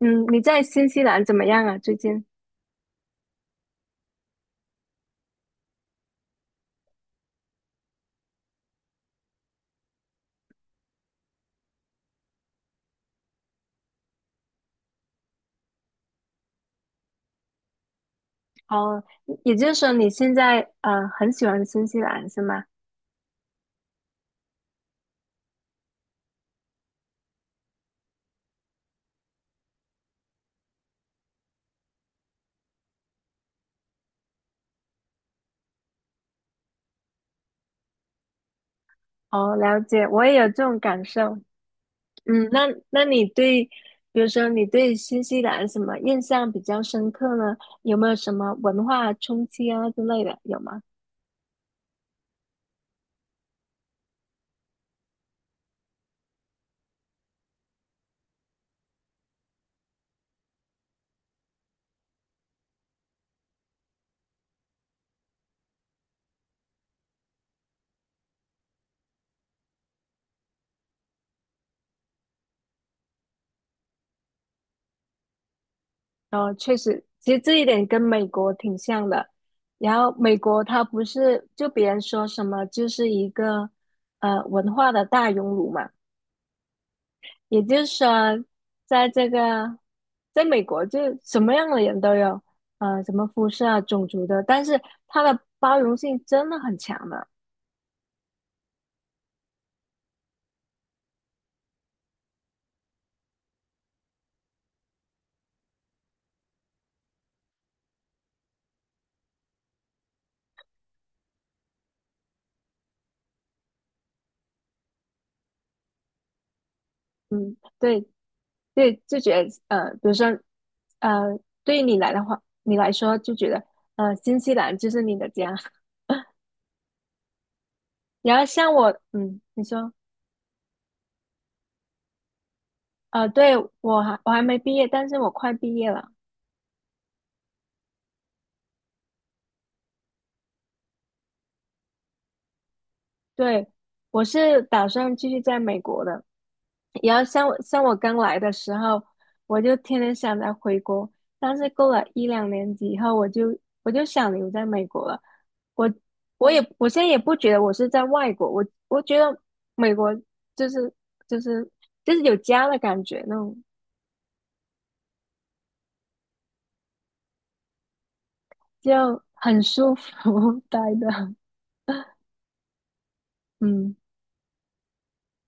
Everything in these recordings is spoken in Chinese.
嗯，你在新西兰怎么样啊？最近？哦，也就是说你现在很喜欢新西兰是吗？哦，了解，我也有这种感受。嗯，那你对，比如说你对新西兰什么印象比较深刻呢？有没有什么文化冲击啊之类的？有吗？哦，确实，其实这一点跟美国挺像的。然后美国它不是就别人说什么就是一个文化的大熔炉嘛。也就是说，在这个，在美国就什么样的人都有，呃，什么肤色啊、种族的，但是它的包容性真的很强的。对对，就觉得呃，比如说，呃，对于你来的话，你来说就觉得，呃，新西兰就是你的家。然后像我，嗯，你说，呃，对，我还没毕业，但是我快毕业了。对，我是打算继续在美国的。然后像我刚来的时候，我就天天想着回国，但是过了一两年级以后，我就想留在美国了。我我我现在也不觉得我是在外国，我我觉得美国就是就是就是有家的感觉，那种就很舒服 待的。嗯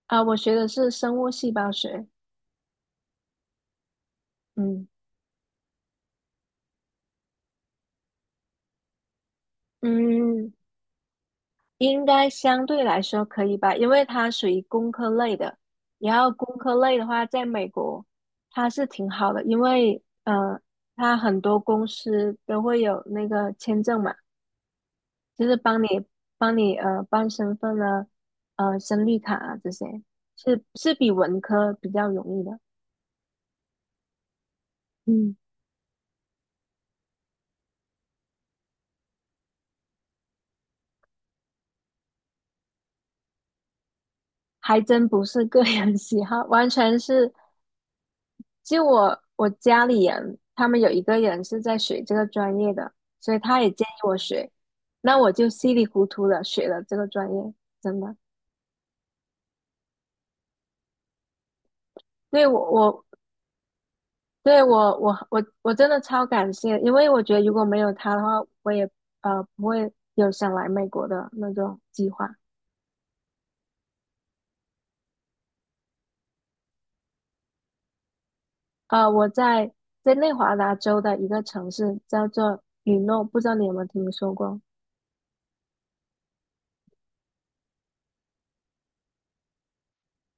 啊，我学的是生物细胞学。嗯嗯，应该相对来说可以吧，因为它属于工科类的。然后工科类的话，在美国它是挺好的，因为呃，它很多公司都会有那个签证嘛，就是帮你办身份啊，呃申绿卡啊这些，是比文科比较容易的。嗯还真不是个人 喜好，完全是就我家里人他们有一个人是在学这个专业的，所以他也建议我学，那我就稀里糊涂的学了这个专业，真的。对我我对我我我我真的超感谢，因为我觉得如果没有他的话，我也不会有想来美国的那种计划。呃，我在在内华达州的一个城市叫做雨诺，不知道你有没有听说过？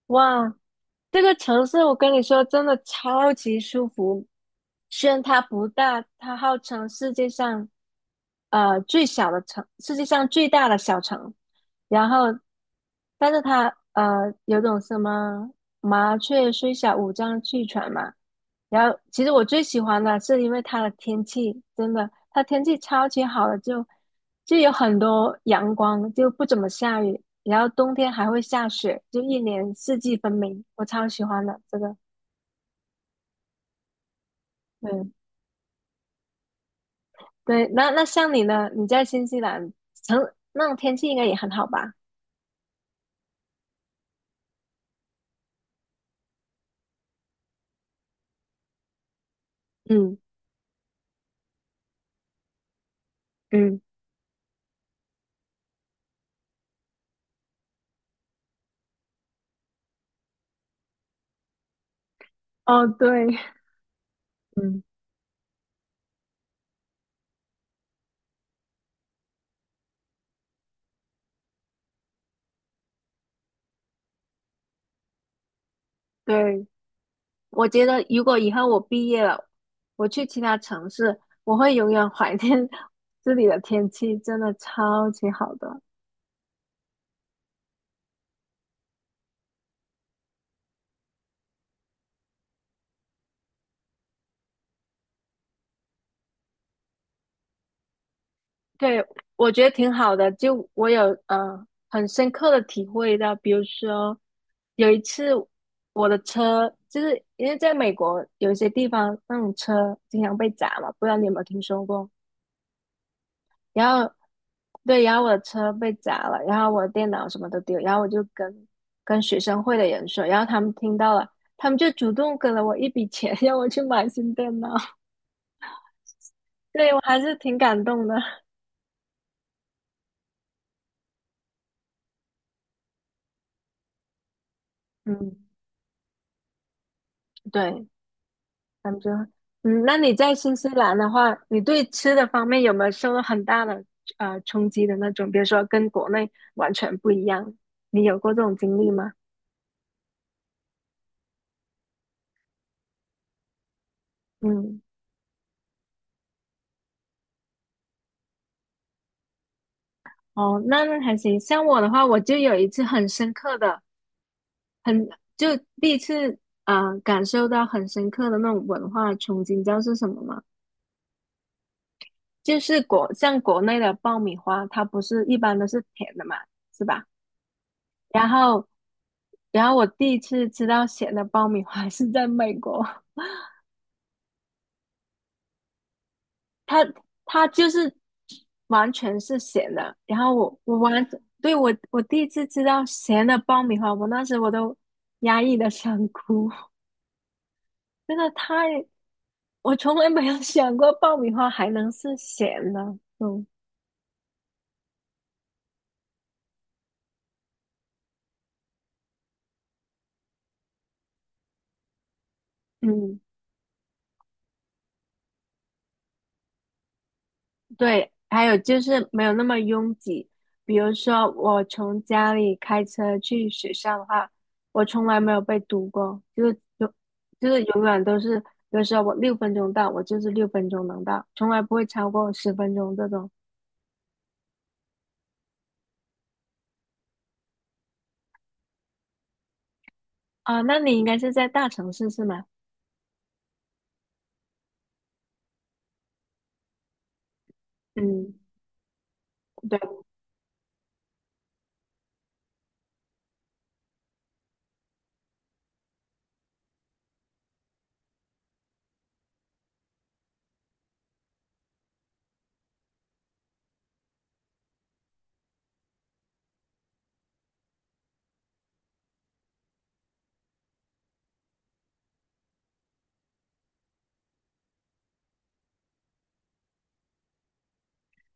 哇，这个城市我跟你说，真的超级舒服。虽然它不大，它号称世界上最小的城，世界上最大的小城。然后，但是他呃有种什么麻雀虽小，五脏俱全嘛。然后，其实我最喜欢的是因为它的天气，真的，它天气超级好的，就有很多阳光，就不怎么下雨，然后冬天还会下雪，就一年四季分明，我超喜欢的这个。嗯，对，那像你呢？你在新西兰，成那种天气应该也很好吧？嗯嗯，哦对，嗯对。我觉得如果以后我毕业了，我去其他城市，我会永远怀念 这里的天气，真的超级好的。对，我觉得挺好的，就我有很深刻的体会到，比如说有一次我的车，就是因为在美国有一些地方那种车经常被砸嘛，不知道你有没有听说过？然后对，然后我的车被砸了，然后我的电脑什么都丢，然后我就跟学生会的人说，然后他们听到了，他们就主动给了我一笔钱，让我去买新电脑。对，我还是挺感动的。嗯，对，他们觉，嗯，那你在新西兰的话，你对吃的方面有没有受到很大的冲击的那种？比如说跟国内完全不一样，你有过这种经历吗？嗯，哦，那还行。像我的话，我就有一次很深刻的。很就第一次啊，感受到很深刻的那种文化冲击，你知道是什么吗？就是国像国内的爆米花，它不是一般都是甜的嘛，是吧？然后然后我第一次吃到咸的爆米花 是在美国，它它就是完全是咸的。然后我我完对我我第一次吃到咸的爆米花，我那时我都压抑的想哭，真的太我从来没有想过爆米花还能是咸的。嗯嗯，对，还有就是没有那么拥挤。比如说，我从家里开车去学校的话，我从来没有被堵过，就是永远都是，比如说我六分钟到，我就是六分钟能到，从来不会超过十分钟这种。啊，那你应该是在大城市是吗？嗯，对。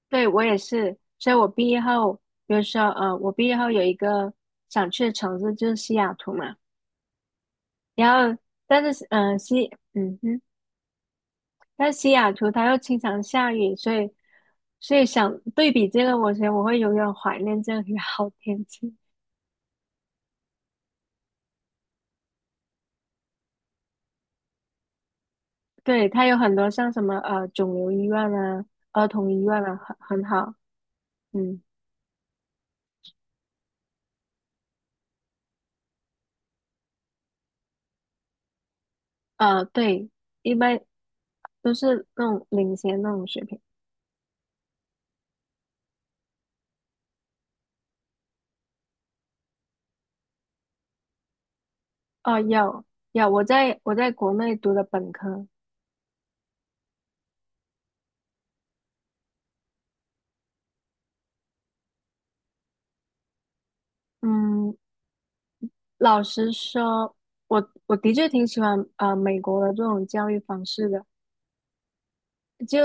对，我也是，所以我毕业后，比如说，呃，我毕业后有一个想去的城市就是西雅图嘛，然后但是，呃，西，嗯哼，但西雅图它又经常下雨，所以，所以想对比这个，我觉得我会永远怀念这里的 好天气。对，它有很多像什么呃肿瘤医院啊、儿童医院啊，很好，嗯，呃，对，一般都是那种领先那种水平。哦，有，我在国内读的本科。嗯，老实说，我我的确挺喜欢美国的这种教育方式的。就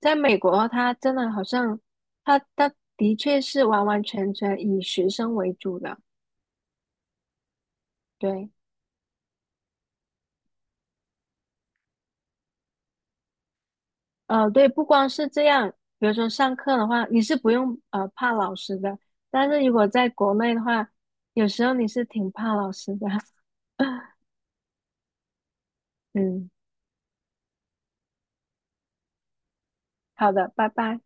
在美国，他真的好像，他他的确是完完全全以学生为主的。对，呃，对，不光是这样，比如说上课的话，你是不用呃怕老师的，但是如果在国内的话，有时候你是挺怕老师的。嗯，好的，拜拜。